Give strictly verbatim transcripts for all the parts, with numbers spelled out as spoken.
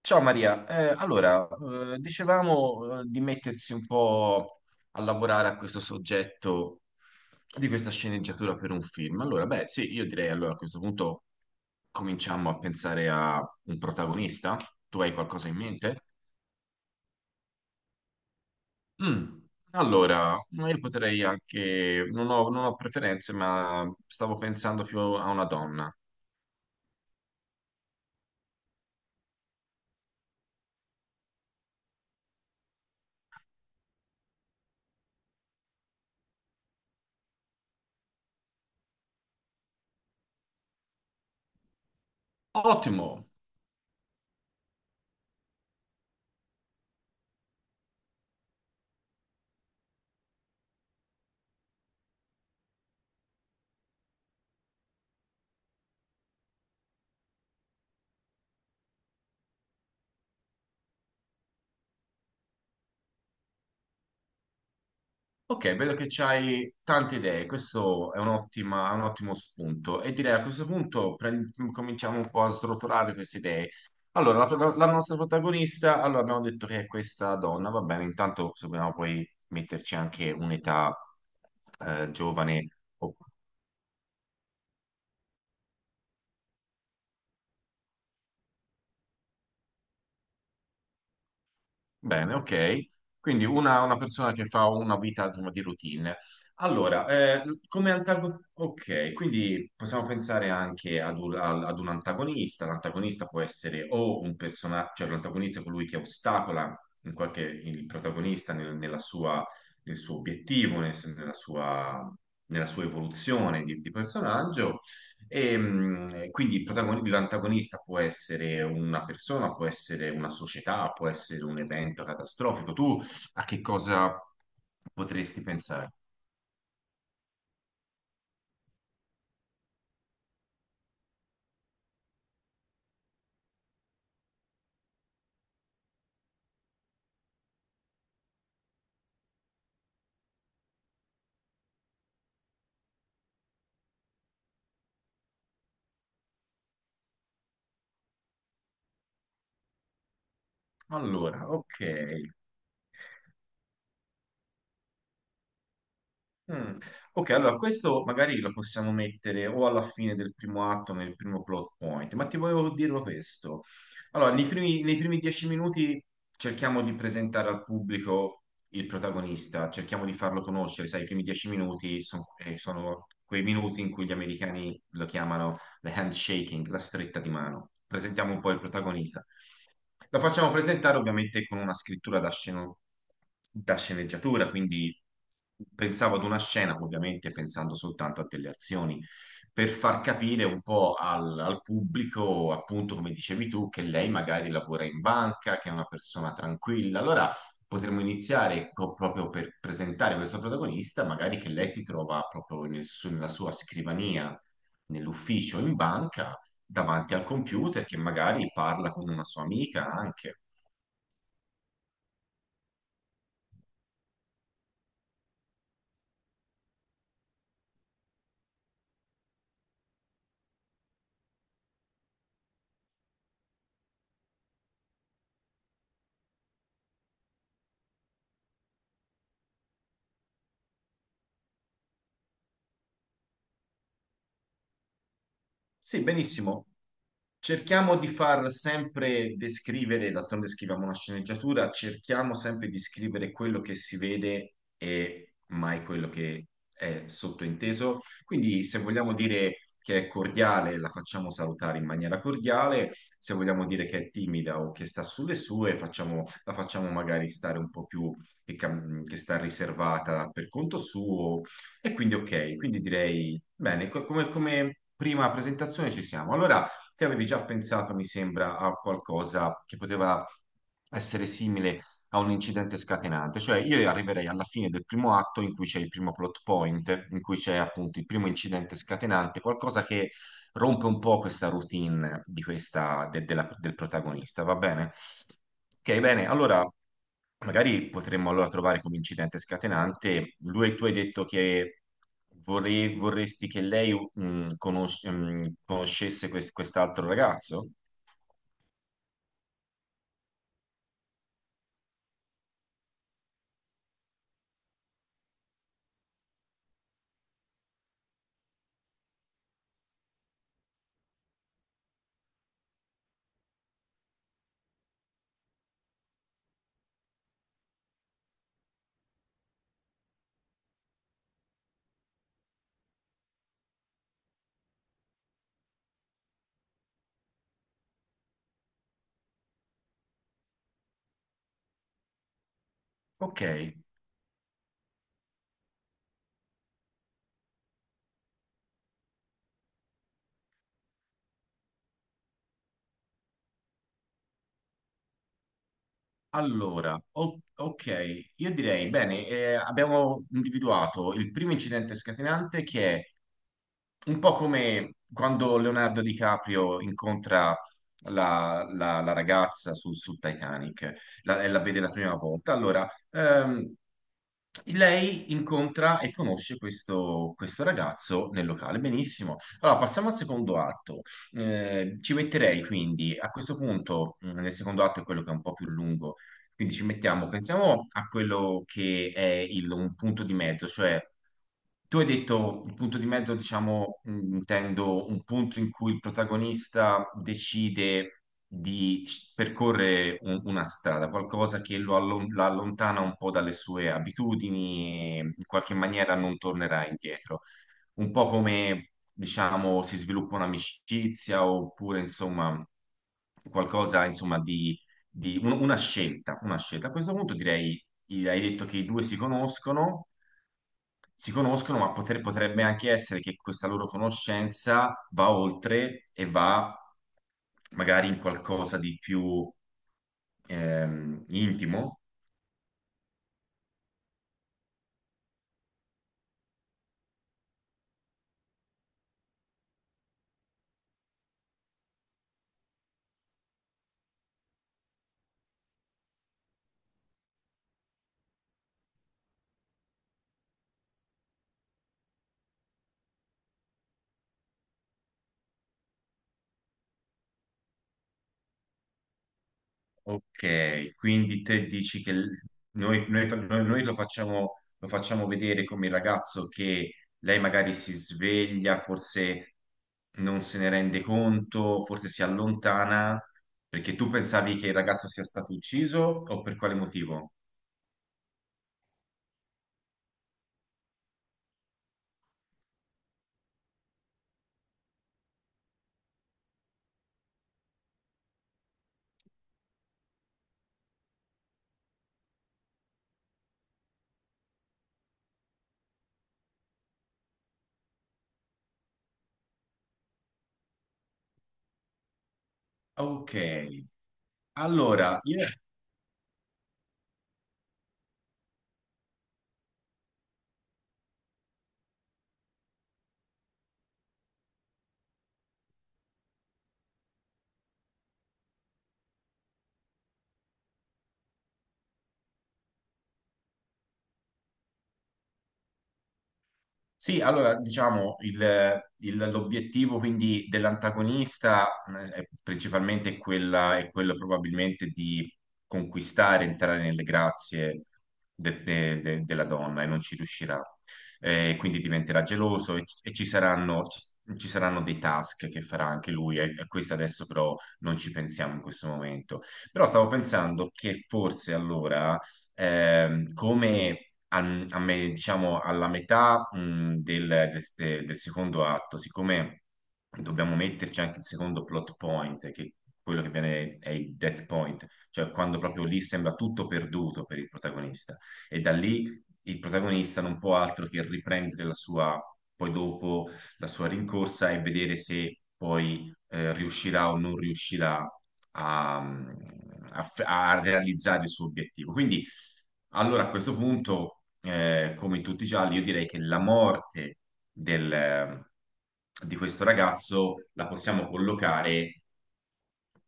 Ciao Maria, Eh, allora, eh, dicevamo eh, di mettersi un po' a lavorare a questo soggetto di questa sceneggiatura per un film. Allora, beh, sì, io direi allora a questo punto cominciamo a pensare a un protagonista. Tu hai qualcosa in mente? Mm. Allora, ma io potrei anche, non ho, non ho preferenze, ma stavo pensando più a una donna. Ottimo! Ok, vedo che c'hai tante idee, questo è un'ottima- un ottimo spunto e direi a questo punto prend- cominciamo un po' a srotolare queste idee. Allora, la, pro- la nostra protagonista, allora abbiamo detto che è questa donna, va bene, intanto se vogliamo poi metterci anche un'età eh, giovane. Bene, ok. Quindi una, una persona che fa una vita insomma, di routine. Allora, eh, come antagonista, ok, quindi possiamo pensare anche ad un, al- ad un antagonista. L'antagonista può essere o un personaggio, cioè l'antagonista è colui che ostacola in qualche, il protagonista nel, nella sua, nel suo obiettivo, nel- nella sua, nella sua evoluzione di, di personaggio, e, mh, quindi il protagoni- l'antagonista può essere una persona, può essere una società, può essere un evento catastrofico. Tu a che cosa potresti pensare? Allora, ok. Mm. Ok, allora questo magari lo possiamo mettere o alla fine del primo atto, nel primo plot point, ma ti volevo dirlo questo. Allora, nei primi, nei primi dieci minuti cerchiamo di presentare al pubblico il protagonista, cerchiamo di farlo conoscere, sai, i primi dieci minuti son- eh, sono quei minuti in cui gli americani lo chiamano the handshaking, la stretta di mano. Presentiamo un po' il protagonista. La facciamo presentare ovviamente con una scrittura da, sceno- da sceneggiatura, quindi pensavo ad una scena, ovviamente pensando soltanto a delle azioni, per far capire un po' al, al pubblico, appunto come dicevi tu, che lei magari lavora in banca, che è una persona tranquilla. Allora potremmo iniziare co- proprio per presentare questo protagonista, magari che lei si trova proprio nel su- nella sua scrivania, nell'ufficio, in banca davanti al computer che magari parla con una sua amica anche. Sì, benissimo. Cerchiamo di far sempre descrivere, d'altronde scriviamo una sceneggiatura, cerchiamo sempre di scrivere quello che si vede e mai quello che è sottointeso. Quindi se vogliamo dire che è cordiale, la facciamo salutare in maniera cordiale, se vogliamo dire che è timida o che sta sulle sue, facciamo- la facciamo magari stare un po' più che, cam- che sta riservata per conto suo. E quindi ok, quindi direi, bene, co- come, come prima presentazione ci siamo. Allora, Te avevi già pensato, mi sembra, a qualcosa che poteva essere simile a un incidente scatenante, cioè io arriverei alla fine del primo atto in cui c'è il primo plot point, in cui c'è appunto il primo incidente scatenante, qualcosa che rompe un po' questa routine di questa, de- della- del protagonista, va bene? Ok, bene, allora magari potremmo allora trovare come incidente scatenante, lui, tu hai detto che vorrei- vorresti che lei mh, conos- mh, conoscesse quest- quest'altro ragazzo? Ok, allora, o- ok, io direi, bene, eh, abbiamo individuato il primo incidente scatenante che è un po' come quando Leonardo DiCaprio incontra la, la- la ragazza sul, sul Titanic, la- e la vede la prima volta. Allora, ehm, lei incontra e conosce questo, questo ragazzo nel locale. Benissimo. Allora, passiamo al secondo atto. Eh, ci metterei quindi a questo punto, mh, nel secondo atto è quello che è un po' più lungo, quindi ci mettiamo, pensiamo a quello che è il, un punto di mezzo, cioè. Tu hai detto il punto di mezzo, diciamo, mh, intendo un punto in cui il protagonista decide di c- percorrere un- una strada, qualcosa che lo allon- la allontana un po' dalle sue abitudini e in qualche maniera non tornerà indietro. Un po' come, diciamo, si sviluppa un'amicizia oppure, insomma, qualcosa, insomma, di, di un- una scelta, una scelta. A questo punto direi, hai detto che i due si conoscono si conoscono, ma potre- potrebbe anche essere che questa loro conoscenza va oltre e va magari in qualcosa di più ehm, intimo. Ok, quindi te dici che l- noi, noi fa- noi- noi lo facciamo, lo facciamo vedere come il ragazzo che lei magari si sveglia, forse non se ne rende conto, forse si allontana. Perché tu pensavi che il ragazzo sia stato ucciso o per quale motivo? Ok, allora, io- sì, allora diciamo il- il- l'obiettivo quindi dell'antagonista eh, è principalmente quella, è quello probabilmente di conquistare, entrare nelle grazie de- de- de- della donna e non ci riuscirà. Eh, quindi diventerà geloso e, e ci saranno, ci, ci saranno dei task che farà anche lui, e, e questo adesso però non ci pensiamo in questo momento. Però stavo pensando che forse allora ehm, come a- a me- diciamo alla metà mh, del, del- de- del secondo atto, siccome dobbiamo metterci anche il secondo plot point, che è quello che viene è il dead point, cioè quando proprio lì sembra tutto perduto per il protagonista, e da lì il protagonista non può altro che riprendere la sua, poi dopo la sua rincorsa e vedere se poi eh, riuscirà o non riuscirà a, mm, a f- a realizzare il suo obiettivo. Quindi, allora a questo punto, eh, come in tutti i gialli, io direi che la morte del- mm, di questo ragazzo la possiamo collocare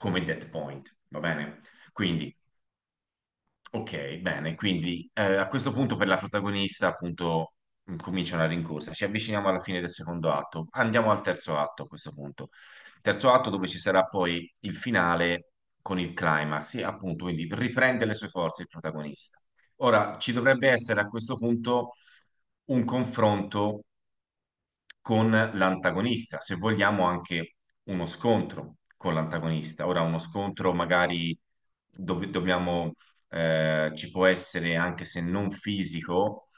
come dead point, va bene? Quindi ok, bene, quindi eh, a questo punto per la protagonista appunto mh, comincia una rincorsa, ci avviciniamo alla fine del secondo atto, andiamo al terzo atto a questo punto, terzo atto dove ci sarà poi il finale con il climax, e appunto quindi riprende le sue forze il protagonista. Ora ci dovrebbe essere a questo punto un confronto con l'antagonista, se vogliamo anche uno scontro con l'antagonista. Ora, uno scontro magari dove dobbiamo, eh, ci può essere anche se non fisico,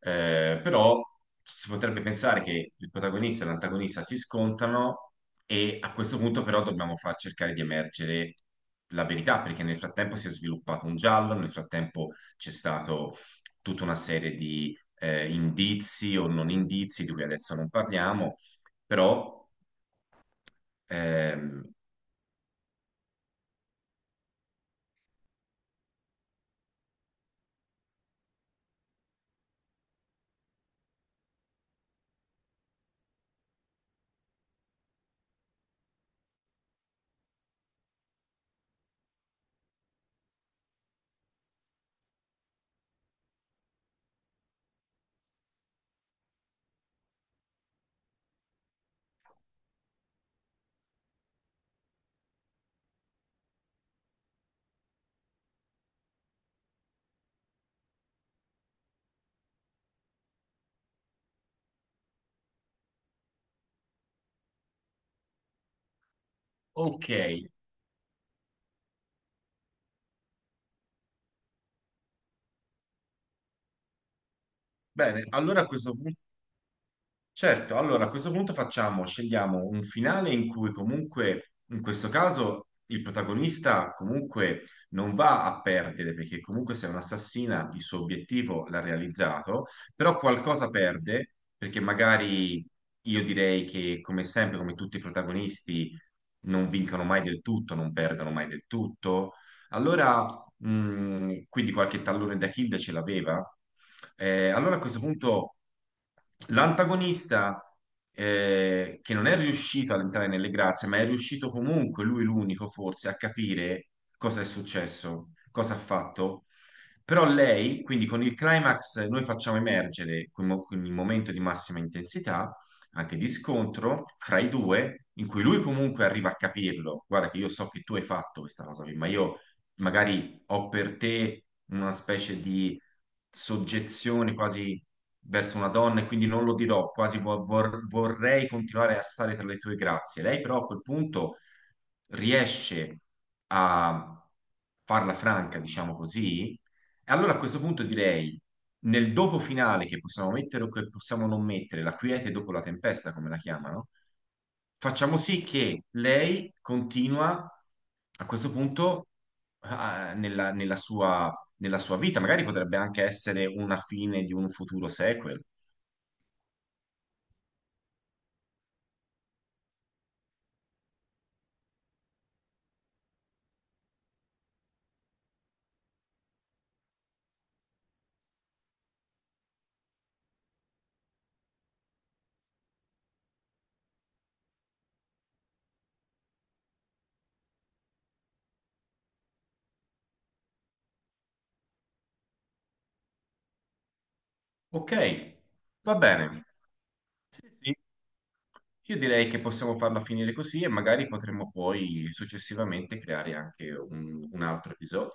eh, però si potrebbe pensare che il protagonista e l'antagonista si scontrano e a questo punto però dobbiamo far cercare di emergere la verità, perché nel frattempo si è sviluppato un giallo, nel frattempo c'è stato tutta una serie di eh, indizi o non indizi, di cui adesso non parliamo, però ehm, ok, bene, allora a questo punto. Certo, allora a questo punto facciamo, scegliamo un finale in cui comunque, in questo caso, il protagonista comunque non va a perdere, perché comunque se è un'assassina il suo obiettivo l'ha realizzato, però qualcosa perde, perché magari io direi che come sempre, come tutti i protagonisti, non vincono mai del tutto, non perdono mai del tutto. Allora, mh, quindi qualche tallone da kill ce l'aveva? Eh, allora a questo punto l'antagonista eh, che non è riuscito ad entrare nelle grazie, ma è riuscito comunque, lui l'unico forse, a capire cosa è successo, cosa ha fatto. Però lei, quindi con il climax noi facciamo emergere quel mo- quel momento di massima intensità, anche di scontro fra i due, in cui lui comunque arriva a capirlo. Guarda che io so che tu hai fatto questa cosa qui, ma io magari ho per te una specie di soggezione quasi verso una donna e quindi non lo dirò, quasi vo- vor- vorrei continuare a stare tra le tue grazie. Lei però a quel punto riesce a farla franca, diciamo così, e allora a questo punto direi, nel dopo finale che possiamo mettere o che possiamo non mettere, la quiete dopo la tempesta, come la chiamano, facciamo sì che lei continua a questo punto ah, nella, nella sua, nella sua vita, magari potrebbe anche essere una fine di un futuro sequel. Ok, va bene. Sì, sì. Io direi che possiamo farla finire così e magari potremo poi successivamente creare anche un un altro episodio.